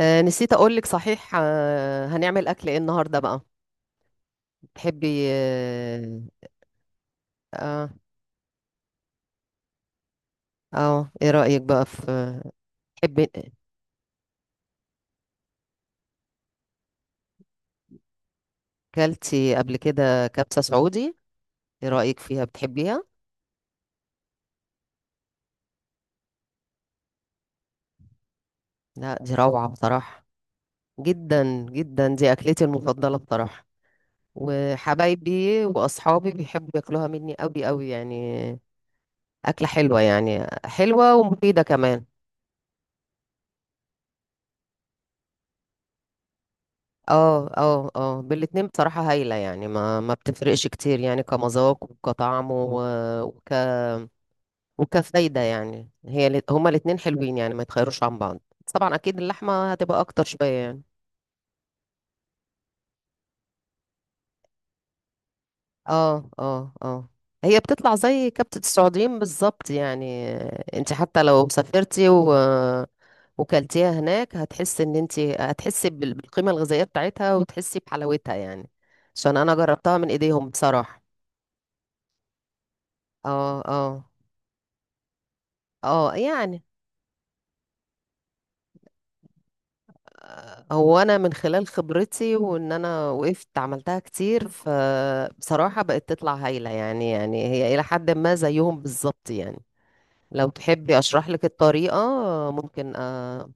نسيت أقولك صحيح. هنعمل أكل إيه النهاردة بقى؟ تحبي؟ آه إيه رأيك بقى في... تحبي، كلتي قبل كده كبسة سعودي؟ إيه رأيك فيها، بتحبيها؟ لا، دي روعة بصراحة. جدا جدا، دي أكلتي المفضلة بصراحة. وحبايبي وأصحابي بيحبوا ياكلوها مني أوي أوي يعني. أكلة حلوة يعني، حلوة ومفيدة كمان. اه اه اه، بالاتنين بصراحة هايلة يعني. ما بتفرقش كتير يعني، كمذاق وكطعم و- وك وكفايدة يعني. هي هما الاتنين حلوين يعني، ما يتخيروش عن بعض. بس طبعا اكيد اللحمة هتبقى اكتر شوية يعني. اه اه اه. هي بتطلع زي كبتة السعوديين بالظبط يعني. انت حتى لو سافرتي و وكلتيها هناك، هتحسي ان انت هتحسي بالقيمة الغذائية بتاعتها، وتحسي بحلاوتها يعني، عشان انا جربتها من ايديهم بصراحة. اه اه اه يعني. هو انا من خلال خبرتي وان انا وقفت عملتها كتير، فبصراحة بقت تطلع هايلة يعني هي الى حد ما زيهم بالظبط يعني. لو تحبي اشرح لك الطريقة؟ ممكن.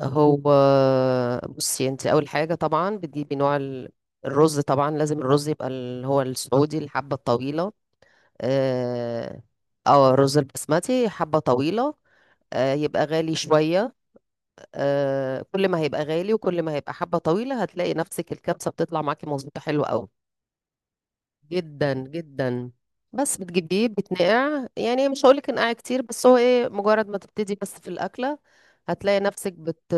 هو، بصي، انت اول حاجة طبعا بتجيبي نوع الرز. طبعا لازم الرز يبقى اللي هو السعودي الحبة الطويلة، اه. الرز البسمتي حبة طويلة. يبقى غالي شوية. كل ما هيبقى غالي وكل ما هيبقى حبة طويلة، هتلاقي نفسك الكبسة بتطلع معاكي مظبوطة حلوة قوي. جدا جدا. بس بتجيبيه، بتنقع يعني، مش هقولك انقع كتير، بس هو ايه، مجرد ما تبتدي بس في الأكلة هتلاقي نفسك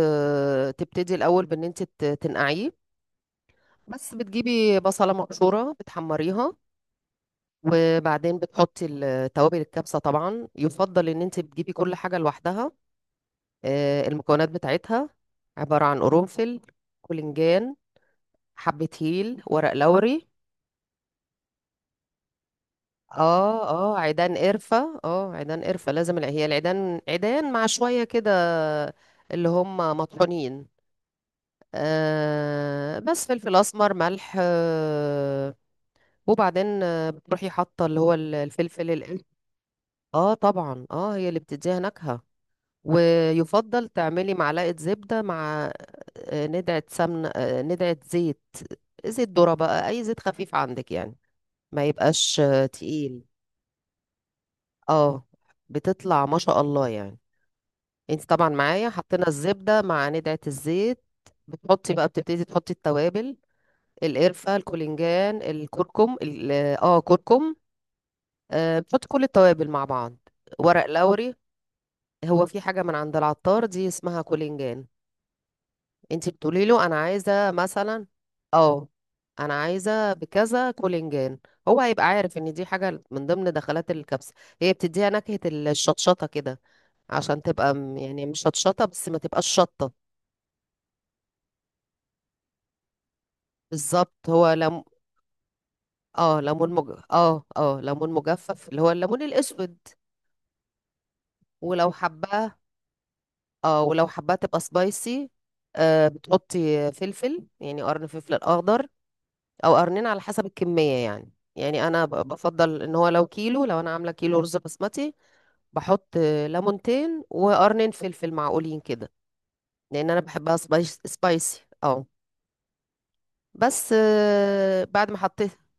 تبتدي الأول بإن انت تنقعيه. بس بتجيبي بصلة مبشورة بتحمريها، وبعدين بتحطي توابل الكبسة. طبعا يفضل ان انت بتجيبي كل حاجة لوحدها. المكونات بتاعتها عبارة عن قرنفل، باذنجان، حبة هيل، ورق لوري. اه اه، عيدان قرفة. اه، عيدان قرفة لازم هي العيدان، عيدان مع شوية كده اللي هم مطحونين. بس فلفل أسمر، ملح. وبعدين بتروحي حاطة اللي هو الفلفل الأسود. اه طبعا، اه هي اللي بتديها نكهة. ويفضل تعملي معلقة زبدة مع ندعة سمن، ندعة زيت. زيت ذرة بقى، أي زيت خفيف عندك يعني، ما يبقاش تقيل. اه، بتطلع ما شاء الله يعني. انت طبعا معايا، حطينا الزبدة مع ندعة الزيت. بتحطي بقى، بتبتدي تحطي التوابل: القرفة، الباذنجان، الكركم، كركم. بتحطي كل التوابل مع بعض، ورق لوري. هو في حاجة من عند العطار دي اسمها كولينجان. انت بتقولي له انا عايزه مثلا، اه انا عايزه بكذا كولينجان، هو هيبقى عارف ان دي حاجه من ضمن دخلات الكبسه. هي بتديها نكهه الشطشطه كده، عشان تبقى يعني مش شطشطه، بس ما تبقاش شطه. بالظبط، هو لم اه ليمون مج... اه اه ليمون مجفف، اللي هو الليمون الاسود. ولو حباه اه ولو حباه تبقى سبايسي. بتحطي فلفل يعني، قرن فلفل اخضر او قرنين على حسب الكميه يعني. يعني انا بفضل ان هو لو كيلو، لو انا عامله كيلو رز بسمتي، بحط ليمونتين وقرنين فلفل معقولين كده، لان انا بحبها سبايسي، اه. بس بعد ما حطيتها...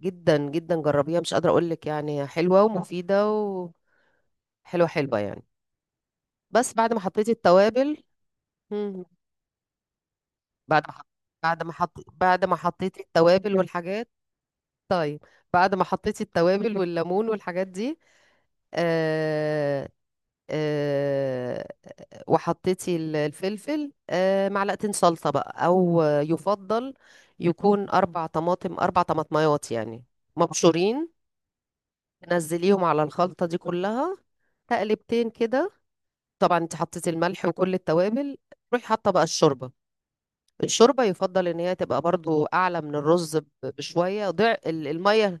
جدا جدا، جربيها مش قادره اقول لك يعني، حلوه ومفيده وحلوه حلوه يعني، بس بعد ما حطيت التوابل، مم، بعد ما حط- بعد ما حطيت التوابل والحاجات. طيب، بعد ما حطيت التوابل والليمون والحاجات دي، آه، آه، وحطيتي الفلفل، معلقتين صلصة بقى، أو يفضل يكون 4 طماطميات يعني، مبشورين، نزليهم على الخلطة دي كلها، تقلبتين كده. طبعا انت حطيتي الملح وكل التوابل. روحي حاطة بقى الشوربة يفضل ان هي تبقى برضو أعلى من الرز بشوية. ضع المية.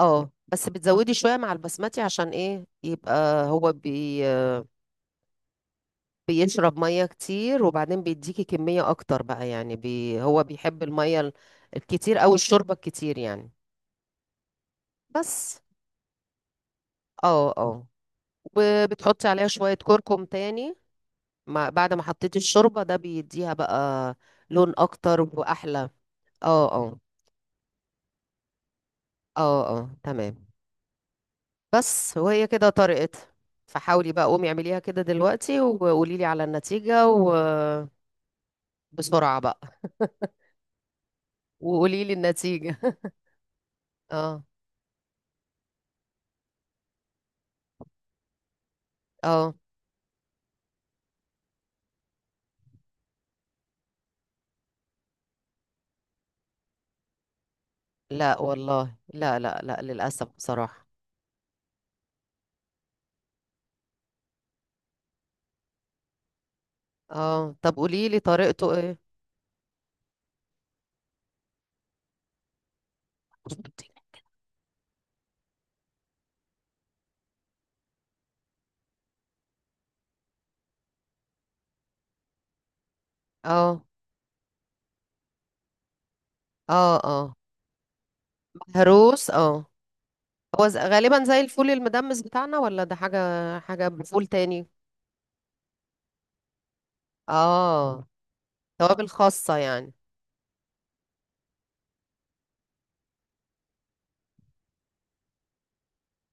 اه، بس بتزودي شوية مع البسمتي عشان ايه يبقى، هو بيشرب ميه كتير، وبعدين بيديكي كميه اكتر بقى يعني. هو بيحب الميه الكتير او الشوربه الكتير يعني. بس اه اه. وبتحطي عليها شويه كركم تاني، مع بعد ما حطيتي الشوربه، ده بيديها بقى لون اكتر واحلى. اه اه اه اه تمام. بس وهي كده طرقت. فحاولي بقى، قومي اعمليها كده دلوقتي، وقولي لي على النتيجه. وبسرعه بقى، وقولي لي النتيجه. اه اه. لا والله، لا لا لا، للأسف بصراحة. اه، طب قولي لي طريقته ايه. اه اه اه، مهروس، اه. هو غالبا زي الفول المدمس بتاعنا، ولا ده حاجة بفول تاني؟ اه، توابل خاصة يعني.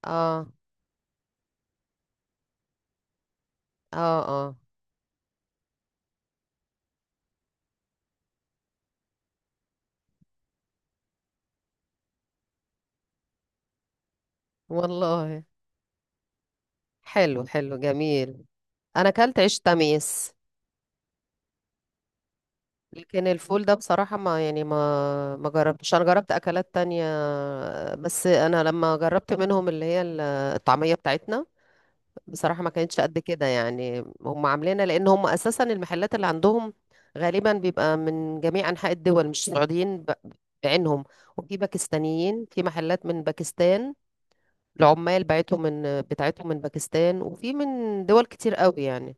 اه اه اه والله. حلو حلو، جميل. انا اكلت عيش تميس. لكن الفول ده بصراحة ما يعني، ما جربتش، انا جربت اكلات تانية. بس انا لما جربت منهم اللي هي الطعمية بتاعتنا، بصراحة ما كانتش قد كده يعني. هم عاملينها، لان هم اساسا المحلات اللي عندهم غالبا بيبقى من جميع انحاء الدول، مش سعوديين بعينهم. وفي باكستانيين، في محلات من باكستان، العمال بتاعتهم من باكستان، وفي من دول كتير قوي يعني.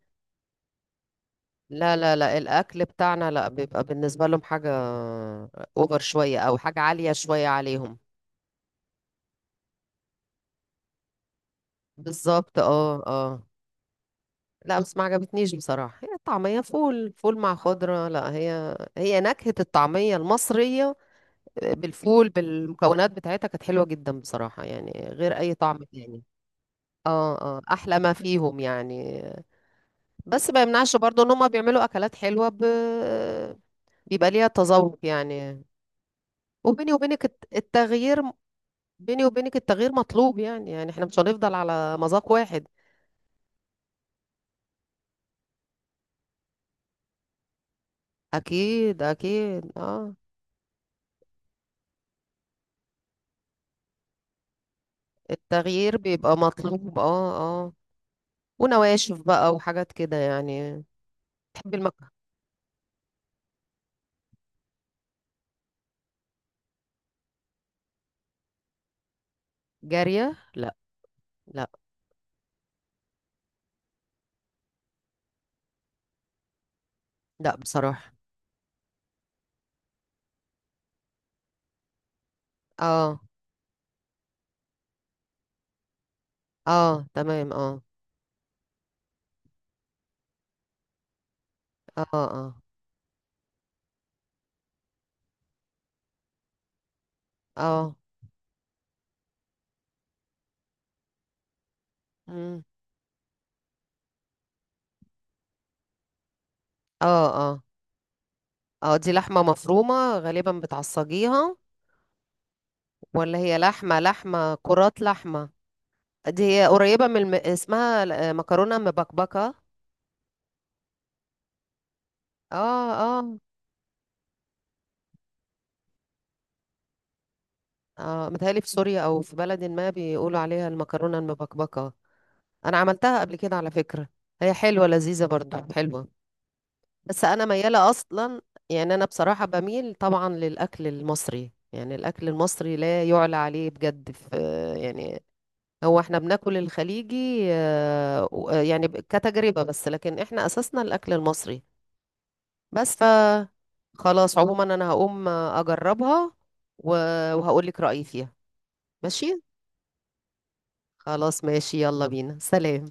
لا لا لا، الاكل بتاعنا لا، بيبقى بالنسبه لهم حاجه اوفر شويه او حاجه عاليه شويه عليهم. بالظبط، اه اه. لا بس ما عجبتنيش بصراحه، هي الطعميه فول فول مع خضره، لا هي نكهه الطعميه المصريه بالفول، بالمكونات بتاعتها، كانت حلوه جدا بصراحه يعني، غير اي طعم تاني. اه اه، احلى ما فيهم يعني. بس ما يمنعش برضو ان هم بيعملوا اكلات حلوه بيبقى ليها تذوق يعني. وبيني وبينك التغيير مطلوب يعني احنا مش هنفضل على مذاق واحد. اكيد اكيد، اه. التغيير بيبقى مطلوب، اه اه، ونواشف بقى، وحاجات كده يعني. تحبي المكة؟ جارية؟ لا، لا لا، بصراحة. اه اه تمام. اه اه اه اه. مم. اه اه اه، دي لحمة مفرومة غالبا بتعصجيها، ولا هي لحمة، لحمة كرات لحمة؟ دي هي قريبة من الم...، اسمها مكرونة مبكبكة. اه اه اه، متهيألي في سوريا او في بلد ما بيقولوا عليها المكرونه المبكبكه. انا عملتها قبل كده على فكره. هي حلوه لذيذه، برضو حلوه. بس انا مياله اصلا يعني. انا بصراحه بميل طبعا للاكل المصري يعني. الاكل المصري لا يعلى عليه بجد في يعني. هو احنا بناكل الخليجي، يعني كتجربه بس، لكن احنا اساسنا الاكل المصري، بس خلاص عموما. انا هقوم اجربها وهقول لك رايي فيها. ماشي، خلاص، ماشي، يلا بينا، سلام.